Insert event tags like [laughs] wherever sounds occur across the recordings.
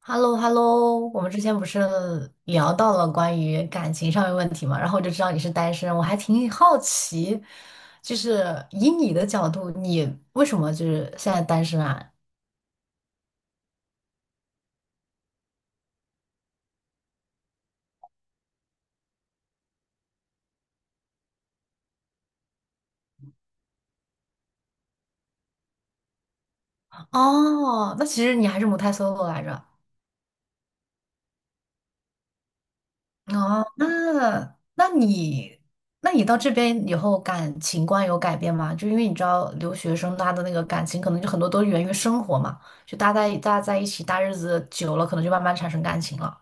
h e l l o h e l l o 我们之前不是聊到了关于感情上面问题嘛，然后我就知道你是单身，我还挺好奇，就是以你的角度，你为什么就是现在单身啊？哦，那其实你还是母胎 solo 来着。哦，那你那你到这边以后感情观有改变吗？就因为你知道留学生他的那个感情可能就很多都源于生活嘛，就大家在一起大日子久了，可能就慢慢产生感情了。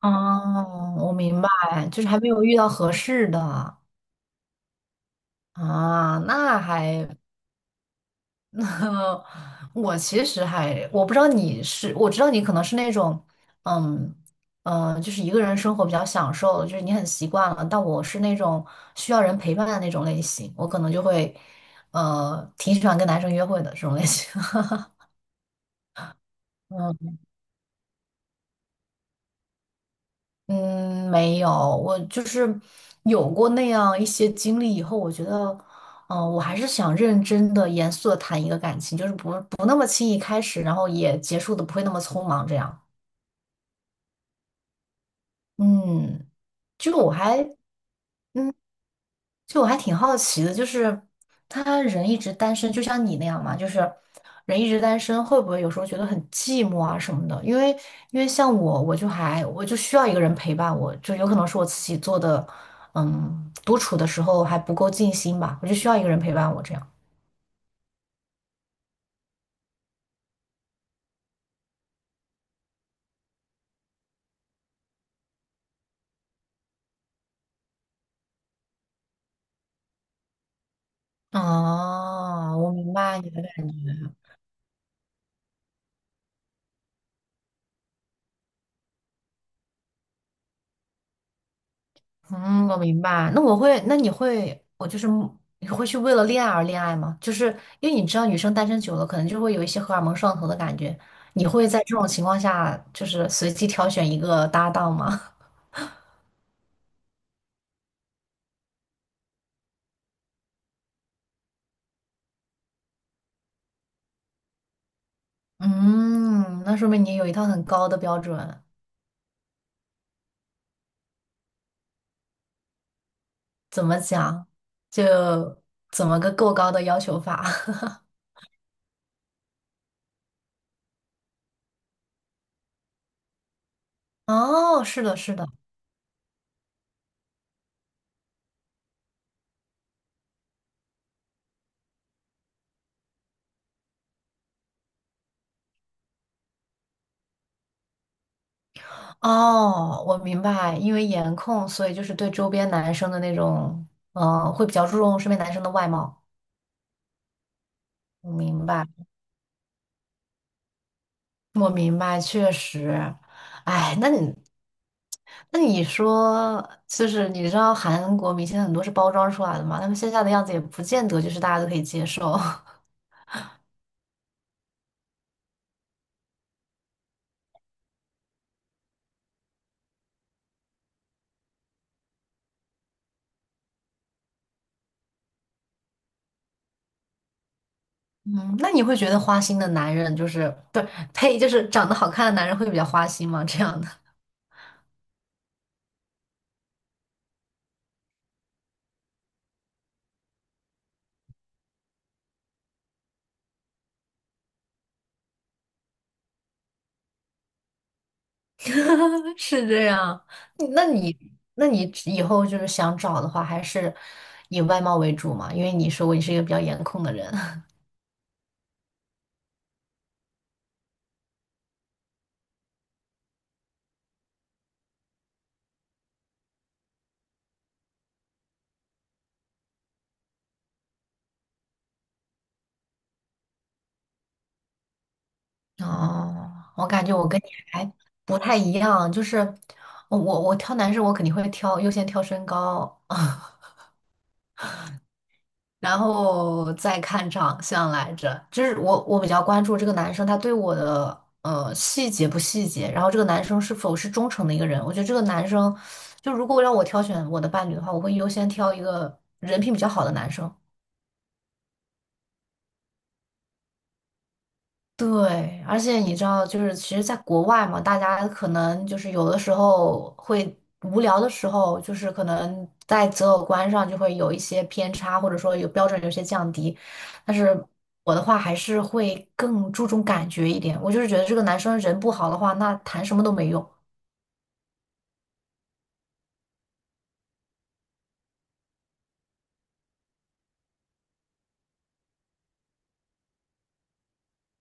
哦，我明白，就是还没有遇到合适的。啊，那还，[laughs] 那我其实还，我不知道你是，我知道你可能是那种，嗯就是一个人生活比较享受，就是你很习惯了，但我是那种需要人陪伴的那种类型，我可能就会，挺喜欢跟男生约会的这种类型。[laughs] 嗯。嗯，没有，我就是有过那样一些经历以后，我觉得，我还是想认真的、严肃的谈一个感情，就是不那么轻易开始，然后也结束的不会那么匆忙，这样。嗯，就我还嗯就我还挺好奇的，就是他人一直单身，就像你那样嘛，就是人一直单身，会不会有时候觉得很寂寞啊什么的？因为像我，我就还我就需要一个人陪伴我，就有可能是我自己做的，嗯，独处的时候还不够尽心吧，我就需要一个人陪伴我这样。哦，我明白你的感。嗯，我明白。那你会，我就是你会去为了恋爱而恋爱吗？就是因为你知道女生单身久了，可能就会有一些荷尔蒙上头的感觉。你会在这种情况下，就是随机挑选一个搭档吗？[laughs] 嗯，那说明你有一套很高的标准。怎么讲？就怎么个够高的要求法？[laughs] 哦，是的，是的，哦，我明白，因为颜控，所以就是对周边男生的那种，会比较注重身边男生的外貌。我明白，我明白，确实，哎，那你，那你说，就是你知道韩国明星很多是包装出来的嘛，他们线下的样子也不见得就是大家都可以接受。[laughs] 嗯，那你会觉得花心的男人就是不是呸，就是长得好看的男人会比较花心吗？这样的 [laughs] 是这样，那你那你以后就是想找的话，还是以外貌为主嘛，因为你说过你是一个比较颜控的人。哦，我感觉我跟你还不太一样，就是我挑男生，我肯定会挑优先挑身高，[laughs] 然后再看长相来着。就是我比较关注这个男生他对我的细节不细节，然后这个男生是否是忠诚的一个人。我觉得这个男生就如果让我挑选我的伴侣的话，我会优先挑一个人品比较好的男生。对，而且你知道，就是其实，在国外嘛，大家可能就是有的时候会无聊的时候，就是可能在择偶观上就会有一些偏差，或者说有标准有些降低。但是我的话还是会更注重感觉一点，我就是觉得这个男生人不好的话，那谈什么都没用。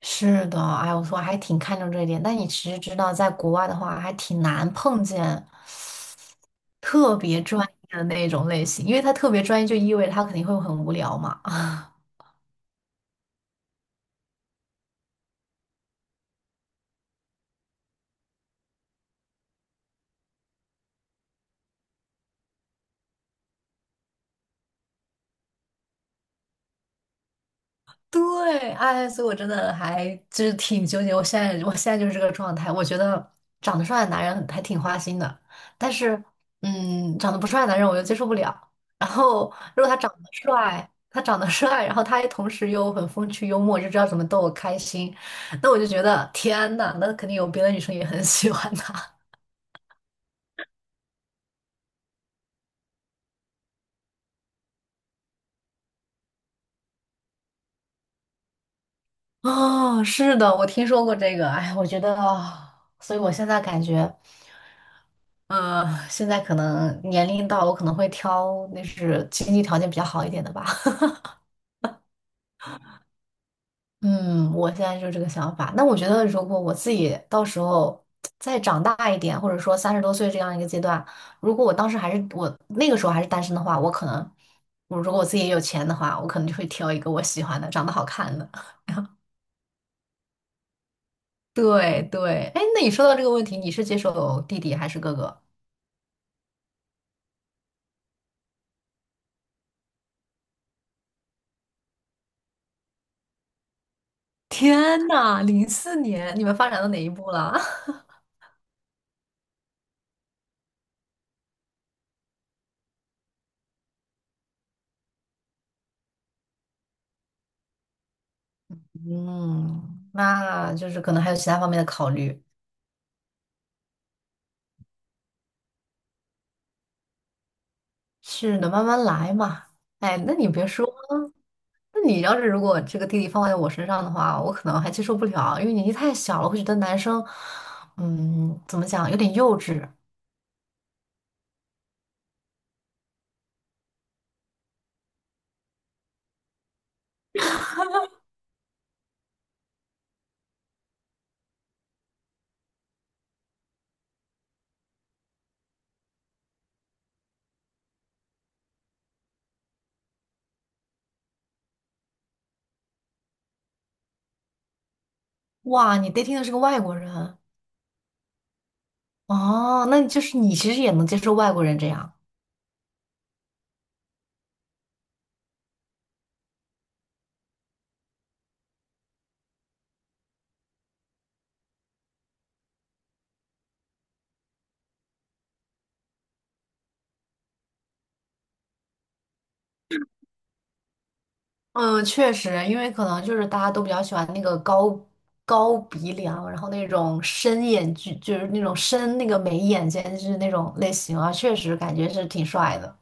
是的，哎，我说还挺看重这一点，但你其实知道，在国外的话还挺难碰见特别专业的那种类型，因为他特别专业就意味着他肯定会很无聊嘛。对，哎，所以我真的还就是挺纠结。我现在就是这个状态。我觉得长得帅的男人还挺花心的，但是，嗯，长得不帅的男人我又接受不了。然后，如果他长得帅，然后他也同时又很风趣幽默，就知道怎么逗我开心，那我就觉得天呐，那肯定有别的女生也很喜欢他。[laughs] 哦，是的，我听说过这个。哎，我觉得，啊所以我现在感觉。现在可能年龄到了，我可能会挑那是经济条件比较好一点的吧。[laughs] 嗯，我现在就是这个想法。那我觉得，如果我自己到时候再长大一点，或者说三十多岁这样一个阶段，如果我那个时候还是单身的话，我可能，如果我自己也有钱的话，我可能就会挑一个我喜欢的、长得好看的。[laughs] 对对，哎，那你说到这个问题，你是接受弟弟还是哥哥？天呐，零四年，你们发展到哪一步了？[laughs] 嗯，那就是可能还有其他方面的考虑，是的，慢慢来嘛。哎，那你别说，那你要是如果这个弟弟放在我身上的话，我可能还接受不了，因为年纪太小了，会觉得男生，嗯，怎么讲，有点幼稚。哇，你 dating 的是个外国人，哦，那就是你其实也能接受外国人这样。嗯，确实，因为可能就是大家都比较喜欢那个高高鼻梁，然后那种深眼距，就是那种深那个眉眼间距那种类型啊，确实感觉是挺帅的。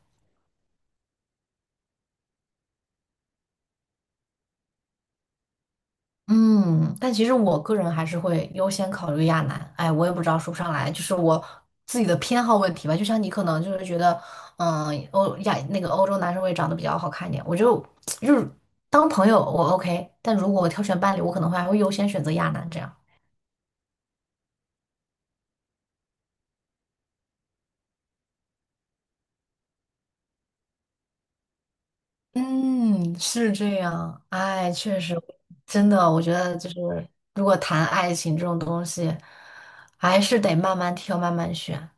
嗯，但其实我个人还是会优先考虑亚男。哎，我也不知道说不上来，就是我自己的偏好问题吧。就像你可能就是觉得，嗯，欧亚那个欧洲男生会长得比较好看一点，我就 [tsk] 就是当朋友我 OK，但如果我挑选伴侣，我可能会还会优先选择亚男这样。嗯，是这样。哎，确实，真的，我觉得就是，如果谈爱情这种东西，还是得慢慢挑，慢慢选。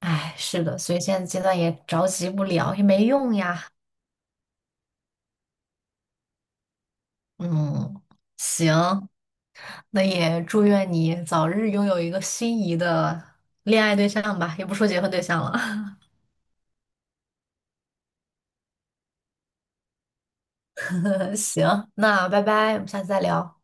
哎，是的，所以现在阶段也着急不了，也没用呀。嗯，行，那也祝愿你早日拥有一个心仪的恋爱对象吧，也不说结婚对象了。[laughs] 行，那拜拜，我们下次再聊。